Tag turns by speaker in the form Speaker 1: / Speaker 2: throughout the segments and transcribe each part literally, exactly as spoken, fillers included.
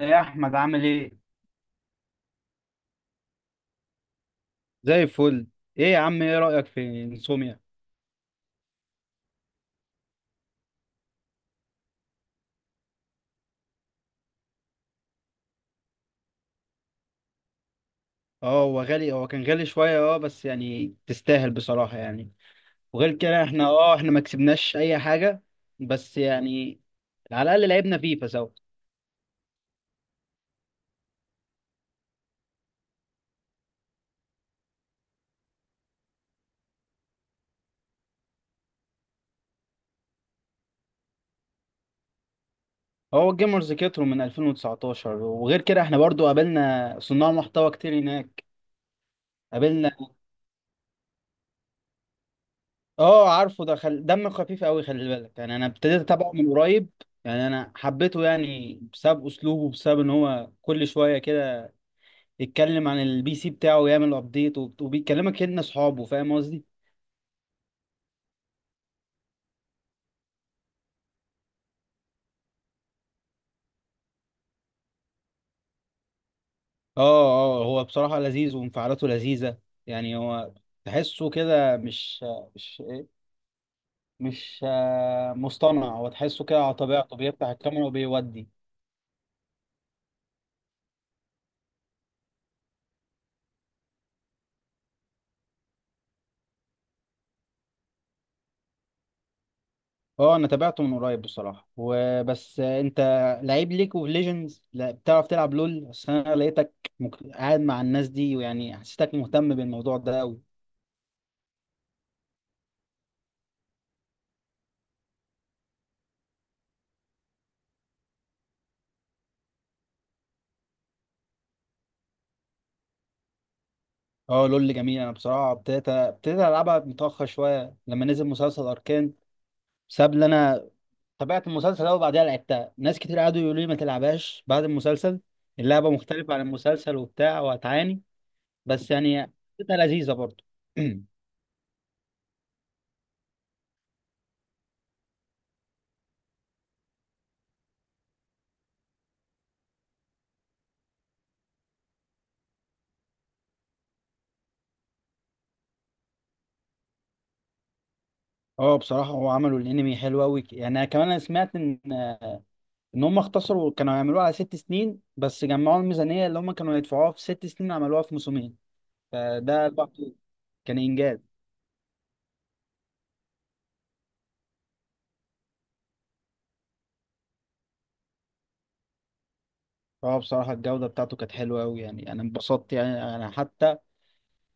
Speaker 1: يا احمد عامل ايه؟ زي الفل. ايه يا عم، ايه رأيك في انسوميا؟ اه هو غالي، هو كان غالي شوية. اه بس يعني تستاهل بصراحة يعني. وغير كده احنا اه احنا ما كسبناش اي حاجة، بس يعني على الأقل لعبنا فيفا سوا. هو الجيمرز كتروا من ألفين وتسعتاشر، وغير كده احنا برضو قابلنا صناع محتوى كتير هناك. قابلنا. اه عارفه ده، خل... دم خفيف قوي، خلي بالك. يعني انا ابتديت اتابعه من قريب، يعني انا حبيته يعني بسبب اسلوبه، بسبب ان هو كل شوية كده يتكلم عن البي سي بتاعه ويعمل ابديت وبيكلمك ان اصحابه، فاهم قصدي. اه. اه هو بصراحة لذيذ وانفعالاته لذيذة. يعني هو تحسه كده مش مش مش آه، مصطنع، هو تحسه كده على طبيعته، بيفتح الكاميرا وبيودي. اه انا تابعته من قريب بصراحة وبس. آه، انت لعيب ليك اوف ليجندز؟ لا بتعرف تلعب لول؟ بس انا لقيتك مك... قاعد مع الناس دي، ويعني حسيتك مهتم بالموضوع ده قوي. اه لول جميل. انا بصراحه ابتديت ابتديت العبها متاخر شويه لما نزل مسلسل اركان، بسبب ان انا تابعت المسلسل ده، وبعديها لعبتها. ناس كتير قعدوا يقولوا لي ما تلعبهاش بعد المسلسل، اللعبه مختلفه عن المسلسل وبتاع وهتعاني. بس يعني حسيتها لذيذه برضه. اه بصراحه هو عملوا الانمي حلو قوي. يعني انا كمان انا سمعت ان ان هم اختصروا، كانوا يعملوها على ست سنين، بس جمعوا الميزانيه اللي هم كانوا يدفعوها في ست سنين عملوها في موسمين. فده لوحده كان انجاز. اه بصراحة الجودة بتاعته كانت حلوة أوي، يعني أنا انبسطت. يعني أنا حتى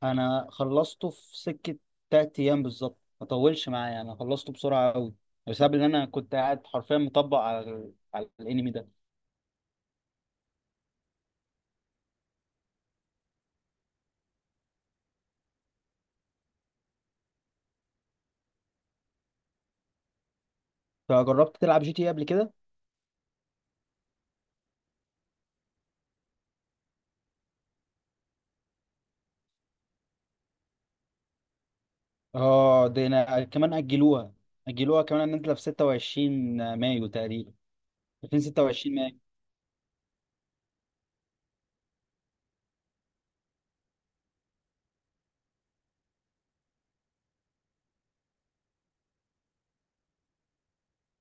Speaker 1: أنا خلصته في سكة تلات أيام بالظبط، ما طولش معايا، أنا خلصته بسرعة أوي بسبب إن أنا كنت قاعد حرفيا مطبق على ال... على الأنمي ده. فجربت تلعب جي تي إيه قبل كده؟ اه ده أنا كمان أجلوها أجلوها كمان، إن أنت في ستة وعشرين مايو تقريبا، ألفين وستة وعشرين مايو.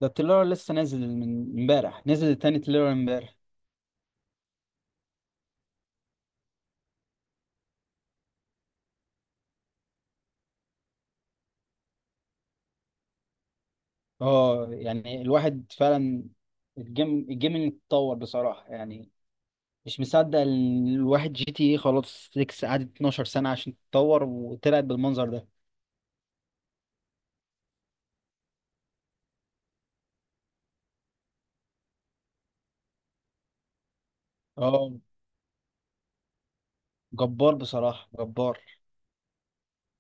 Speaker 1: ده التريلر لسه نازل من امبارح، نزل تاني تريلر امبارح. اه يعني الواحد فعلا الجيم الجيمنج اتطور بصراحة يعني. مش مصدق ال- الواحد جي تي ايه خلاص ستة قعدت اتناشر سنة عشان تتطور وطلعت بالمنظر ده. اه جبار بصراحة، جبار.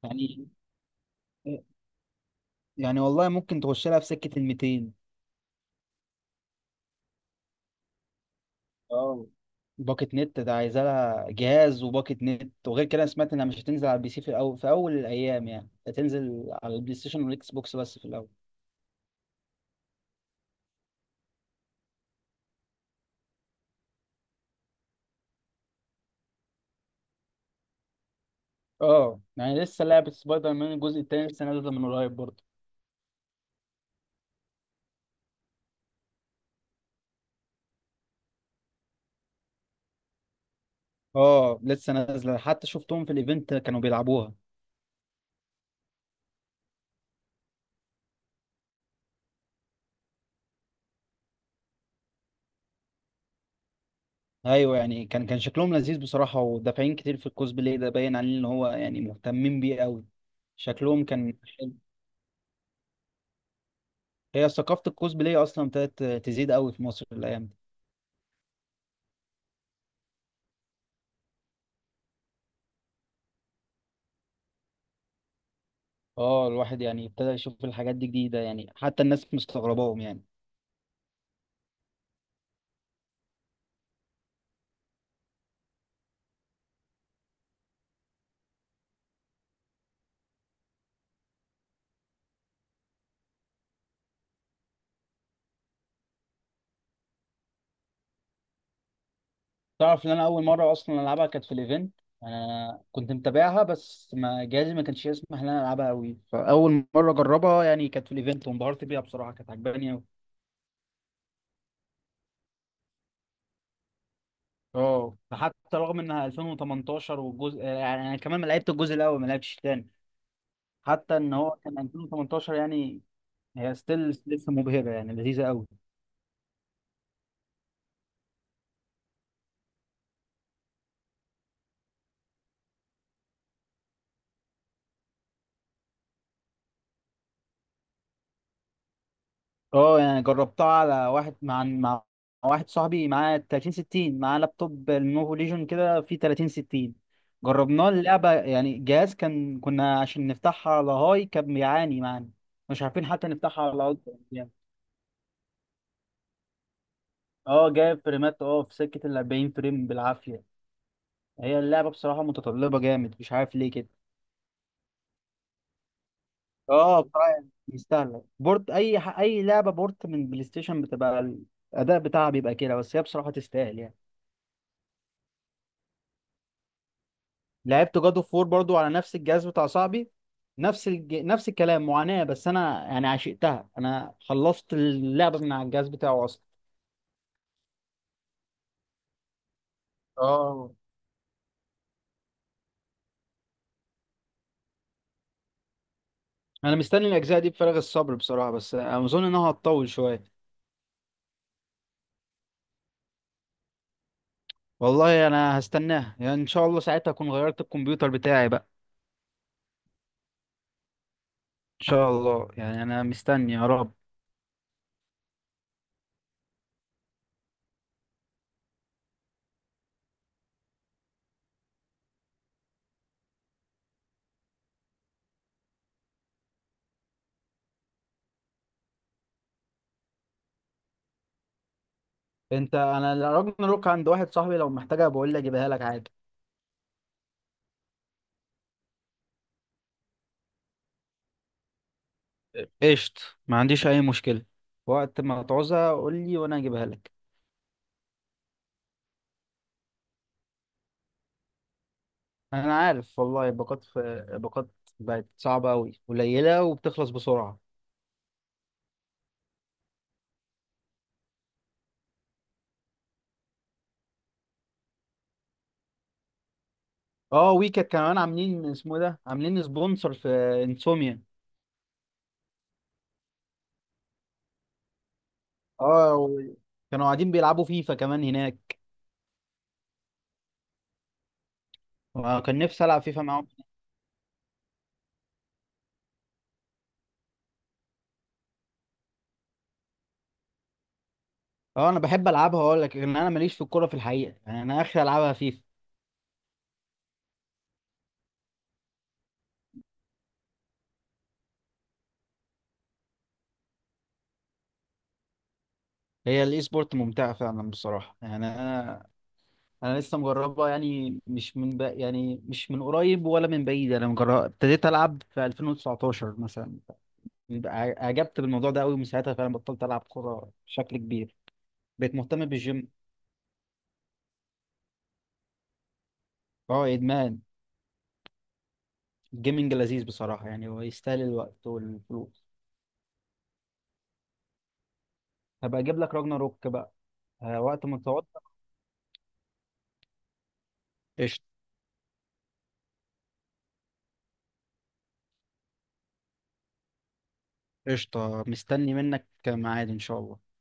Speaker 1: يعني يعني والله ممكن تخش لها في سكة ال ميتين. اه باكت نت ده عايزة لها جهاز وباكت نت. وغير كده أنا سمعت انها مش هتنزل على البي سي في الاول، في اول الايام يعني هتنزل على البلاي ستيشن والاكس بوكس بس في الاول. اه يعني لسه لعبة سبايدر مان الجزء التاني لسه نازلة من قريب برضه. اه لسه نازلة، حتى شفتهم في الايفنت كانوا بيلعبوها. ايوه يعني كان كان شكلهم لذيذ بصراحه، ودافعين كتير في الكوسبلاي ده، باين عليه ان هو يعني مهتمين بيه قوي. شكلهم كان حلو. هي ثقافه الكوسبلاي اصلا ابتدت تزيد قوي في مصر الايام دي. اه الواحد يعني ابتدى يشوف الحاجات دي جديده، يعني حتى الناس مستغرباهم يعني. تعرف ان انا اول مره اصلا العبها كانت في الايفنت. انا كنت متابعها، بس ما جهازي ما كانش يسمح ان انا العبها قوي، فاول مره اجربها يعني كانت في الايفنت، وانبهرت بيها بصراحه، كانت عجباني قوي. اه حتى رغم انها ألفين وتمنتاشر، والجزء يعني انا كمان ما لعبت الجزء الاول، ما لعبتش الثاني، حتى ان هو كان ألفين وتمنتاشر يعني. هي ستيل لسه مبهره، يعني لذيذه قوي. اه يعني جربتها على واحد مع مع واحد صاحبي معاه تلاتين ستين، معاه لابتوب لينوفو ليجون كده فيه تلاتين ستين. جربناه اللعبه، يعني الجهاز كان، كنا عشان نفتحها على هاي كان بيعاني معانا، مش عارفين حتى نفتحها على الترا يعني. اه جايب فريمات، اه في سكه ال أربعين فريم بالعافيه. هي اللعبة بصراحة متطلبة جامد، مش عارف ليه كده. اه بصراحة يعني يستاهل بورت، اي ح- اي لعبة بورت من بلاي ستيشن بتبقى الاداء بتاعها بيبقى كده، بس هي بصراحة تستاهل يعني. لعبت جاد اوف وور برضو على نفس الجهاز بتاع صاحبي، نفس الج... نفس الكلام، معاناة، بس انا يعني عشقتها، انا خلصت اللعبة من على الجهاز بتاعه اصلا. اه انا مستني الاجزاء دي بفارغ الصبر بصراحه، بس اظن انها هتطول شويه. والله انا هستناها، يعني ان شاء الله ساعتها اكون غيرت الكمبيوتر بتاعي بقى. شاء الله يعني انا مستني يا رب. انت انا راجناروك عند واحد صاحبي، لو محتاجها بقول لي اجيبها لك عادي. قشط، ما عنديش اي مشكلة. وقت ما تعوزها قول لي وانا اجيبها لك. انا عارف والله الباقات في الباقات بقت صعبة قوي، قليلة وبتخلص بسرعة. اه ويكت كمان عاملين، اسمه ده، عاملين سبونسر في انسوميا. اه و- كانوا قاعدين بيلعبوا فيفا كمان هناك، وكان نفسي العب فيفا معاهم. اه انا بحب العبها، اقول لك ان انا ماليش في الكوره في الحقيقه، يعني انا اخر العبها فيفا. هي الاي سبورت ممتعه فعلا بصراحه، يعني انا انا لسه مجربها، يعني مش من ب... يعني مش من قريب ولا من بعيد، انا مجرب ابتديت العب في ألفين وتسعتاشر مثلا. ع- اعجبت بالموضوع ده قوي، ومن ساعتها فعلا بطلت العب كوره بشكل كبير، بقيت مهتم بالجيم. اه ادمان. الجيمنج لذيذ بصراحه، يعني هو يستاهل الوقت والفلوس. هبقى اجيب لك راجنا روك بقى. آه، وقت ما تقعد. قشطه، قشطه، مستني منك ميعاد ان شاء الله.